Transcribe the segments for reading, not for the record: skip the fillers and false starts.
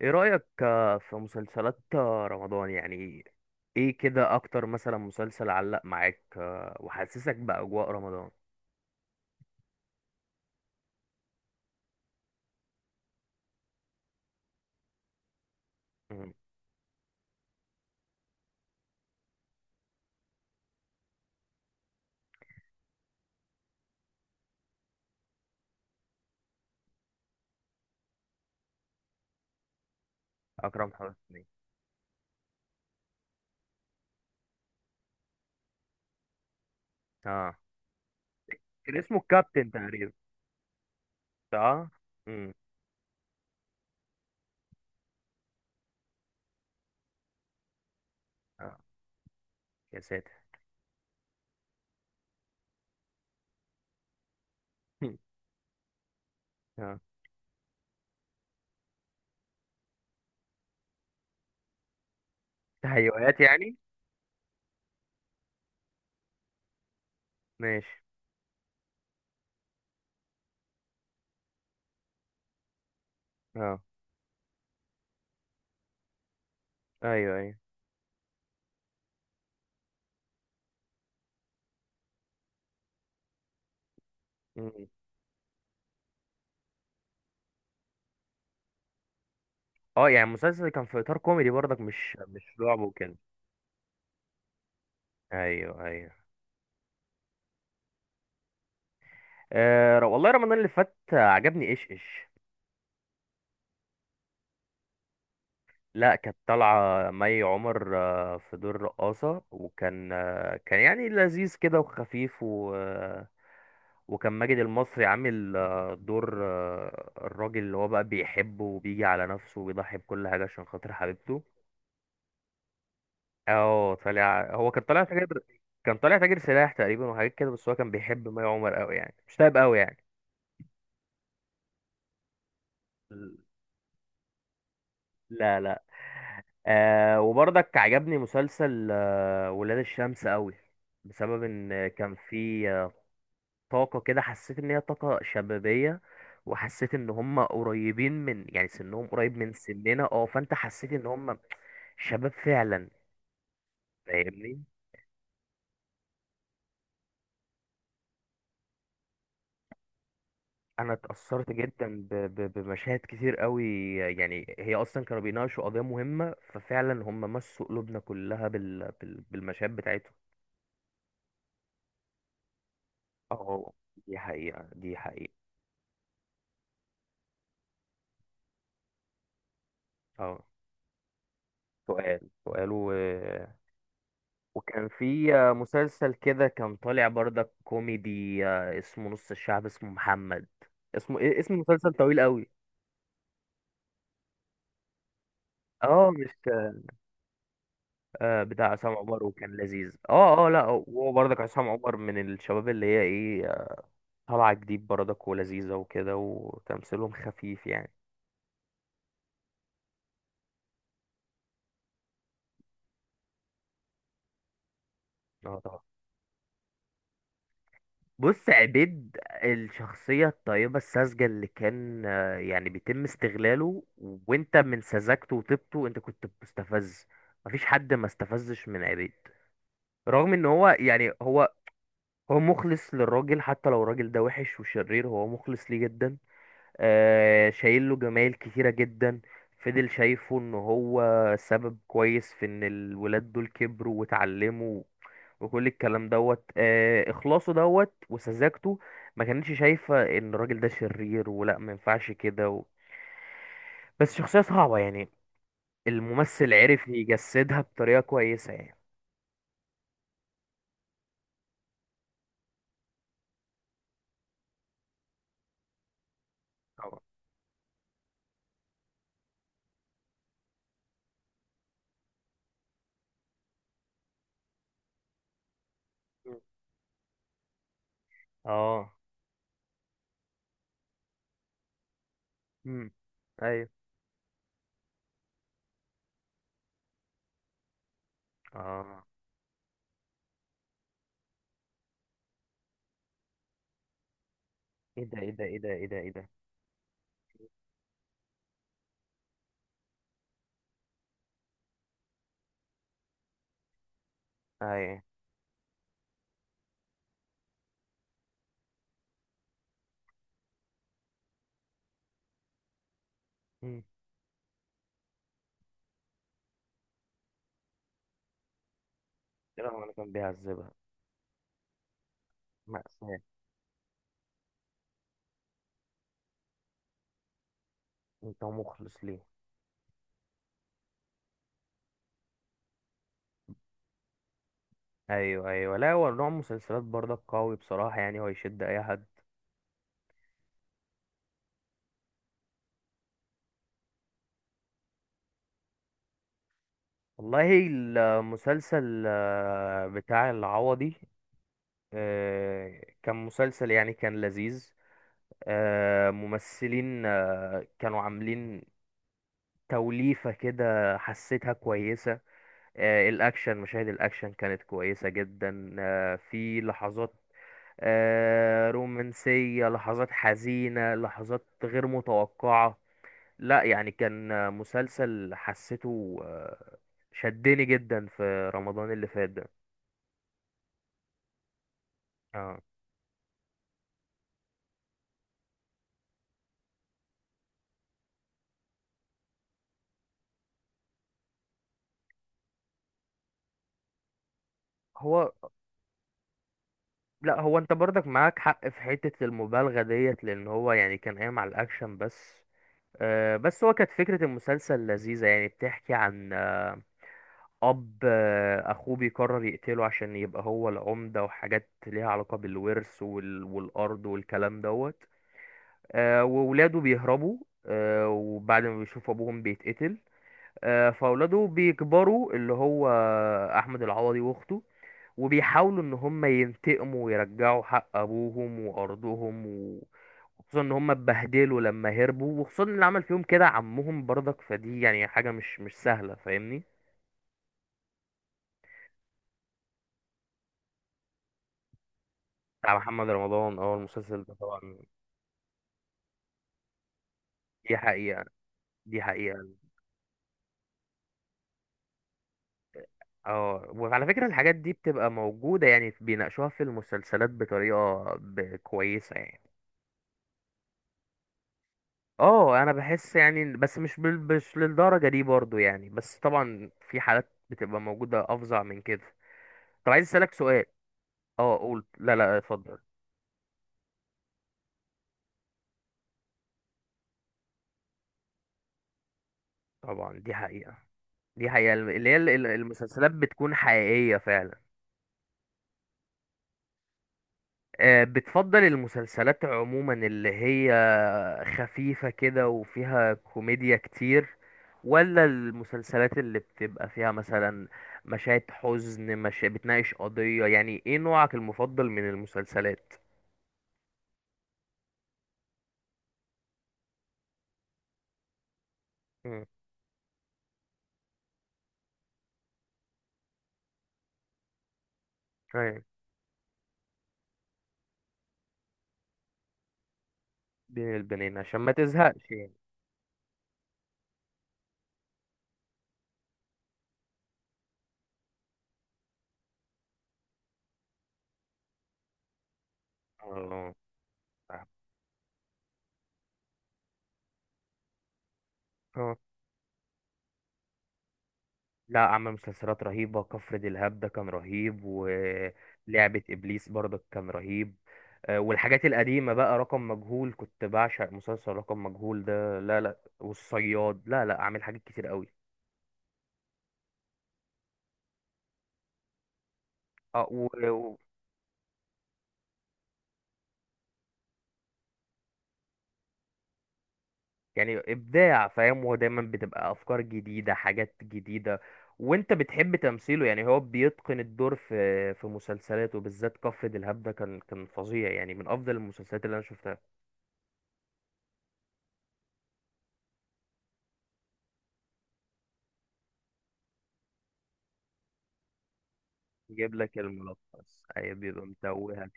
ايه رأيك في مسلسلات رمضان يعني؟ ايه كده اكتر مثلا مسلسل علق معاك وحسسك بأجواء رمضان؟ مم. اكرم حسني. اه، كان اسمه الكابتن تقريبا. اه. امم. اه. يا ساتر. اه. تهيؤات يعني؟ ماشي. اه. ايوه، ايوه. مم. اه، يعني المسلسل كان في اطار كوميدي برضك، مش رعب وكده؟ ايوه، ايوه. آه والله، رمضان اللي فات عجبني ايش ايش. لا، كانت طالعة مي عمر في دور رقاصة، وكان كان يعني لذيذ كده وخفيف و... آه، وكان ماجد المصري عامل دور الراجل اللي هو بقى بيحبه، وبيجي على نفسه، وبيضحي بكل حاجة عشان خاطر حبيبته. اه، طالع. هو كان طالع تاجر. كان طالع تاجر سلاح تقريبا وحاجات كده، بس هو كان بيحب مي عمر قوي، يعني مش طيب قوي يعني. لا، لا. وبرضك عجبني مسلسل ولاد الشمس قوي. بسبب ان كان في طاقة كده، حسيت ان هي طاقة شبابية. وحسيت ان هم قريبين من، يعني سنهم قريب من سننا. اه، فانت حسيت ان هم شباب فعلا. فاهمني؟ انا اتأثرت جدا بمشاهد كتير قوي. يعني هي اصلا كانوا بيناقشوا قضية مهمة، ففعلا هم مسوا قلوبنا كلها بالمشاهد بتاعتهم. اه. دي حقيقة، دي حقيقة. اه. سؤال، سؤال. وكان في مسلسل كده، كان طالع برضك كوميدي اسمه نص الشعب اسمه محمد. اسم مسلسل طويل قوي. اه، مش. بتاع عصام عمر وكان لذيذ. اه، اه، لا، هو برضك عصام عمر من الشباب، اللي هي ايه؟ طالعة جديد برضك ولذيذة وكده، وتمثيلهم خفيف يعني. اه، طبعا. بص، عبيد. الشخصية الطيبة الساذجة اللي كان يعني بيتم استغلاله، وانت من سذاجته وطيبته، انت كنت مستفز. مفيش حد ما استفزش من عبيد. رغم ان هو يعني، هو. هو مخلص للراجل، حتى لو الراجل ده وحش وشرير، هو مخلص ليه جدا. شايل له جمايل كتيرة جدا. فضل شايفه ان هو سبب كويس في ان الولاد دول كبروا واتعلموا. وكل الكلام دوت اخلاصه دوت وسذاجته. ما كانتش شايفة ان الراجل ده شرير ولا ما ينفعش كده بس شخصية صعبة يعني. الممثل عرف يجسدها بطريقة كويسة يعني. طبعا. مم. اه. امم. ايوه. اه. ايه ده، ايه ده، ايه ده، ايه ده، ايه ده! ايوه. امم. رغم انا كان بيعذبها. مأساة. انت مخلص ليه. ايوه، ايوه، لا هو نوع مسلسلات برضك قوي بصراحه، يعني هو يشد اي حد. والله، المسلسل بتاع العوضي. كان مسلسل يعني كان لذيذ. ممثلين كانوا عاملين توليفة كده، حسيتها كويسة. الأكشن، مشاهد الأكشن كانت كويسة جدا. في لحظات رومانسية، لحظات حزينة، لحظات غير متوقعة. لا يعني كان مسلسل حسيته شدني جدا في رمضان اللي فات ده. اه. هو. لا هو انت برضك معاك حق في حتة المبالغة ديت، لان هو يعني كان قايم على الاكشن بس. بس هو كانت فكرة المسلسل لذيذة، يعني بتحكي عن اب اخوه بيقرر يقتله عشان يبقى هو العمدة، وحاجات ليها علاقة بالورث والارض والكلام دوت. وولاده بيهربوا. وبعد ما بيشوفوا ابوهم بيتقتل. فاولاده بيكبروا، اللي هو احمد العوضي واخته. وبيحاولوا ان هم ينتقموا ويرجعوا حق ابوهم وارضهم وخصوصا ان هم اتبهدلوا لما هربوا، وخصوصا اللي عمل فيهم كده عمهم برضك، فدي يعني حاجه مش سهله، فاهمني؟ بتاع محمد رمضان. اه، المسلسل ده طبعا. دي حقيقه، دي حقيقه. اه، وعلى فكره الحاجات دي بتبقى موجوده، يعني بيناقشوها في المسلسلات بطريقه كويسه يعني. اه، انا بحس يعني، بس مش مش للدرجه دي برضو يعني، بس طبعا في حالات بتبقى موجوده افظع من كده. طب عايز اسالك سؤال. اه، قول. لا، لا، اتفضل. طبعا، دي حقيقه. دي حقيقه اللي هي المسلسلات بتكون حقيقيه فعلا. بتفضل المسلسلات عموما اللي هي خفيفة كده وفيها كوميديا كتير، ولا المسلسلات اللي بتبقى فيها مثلا مشاهد حزن مش بتناقش قضية؟ يعني ايه نوعك المفضل من المسلسلات؟ مم. أيوة. بين البنين عشان ما تزهقش يعني. اه، لا، عمل مسلسلات رهيبة. كفر دلهاب ده كان رهيب، ولعبة إبليس برضك كان رهيب. والحاجات القديمة بقى رقم مجهول، كنت بعشق مسلسل رقم مجهول ده. لا، لا، والصياد. لا، لا، عامل حاجات كتير قوي. اه. يعني إبداع، فاهم، هو دايما بتبقى أفكار جديدة، حاجات جديدة. وانت بتحب تمثيله، يعني هو بيتقن الدور في مسلسلاته، بالذات كفر دلهاب ده كان فظيع، يعني من أفضل المسلسلات اللي أنا شفتها. يجيب لك الملخص، أي بيبقى متوه.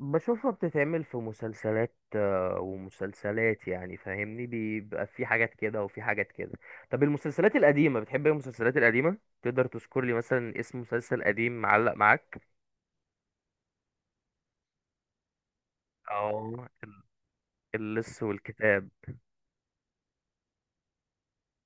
بشوفها بتتعمل في مسلسلات ومسلسلات يعني، فاهمني، بيبقى في حاجات كده وفي حاجات كده. طب المسلسلات القديمة بتحب إيه؟ المسلسلات القديمة، تقدر تذكر لي مثلا اسم مسلسل قديم معلق معاك؟ اه، اللص والكتاب.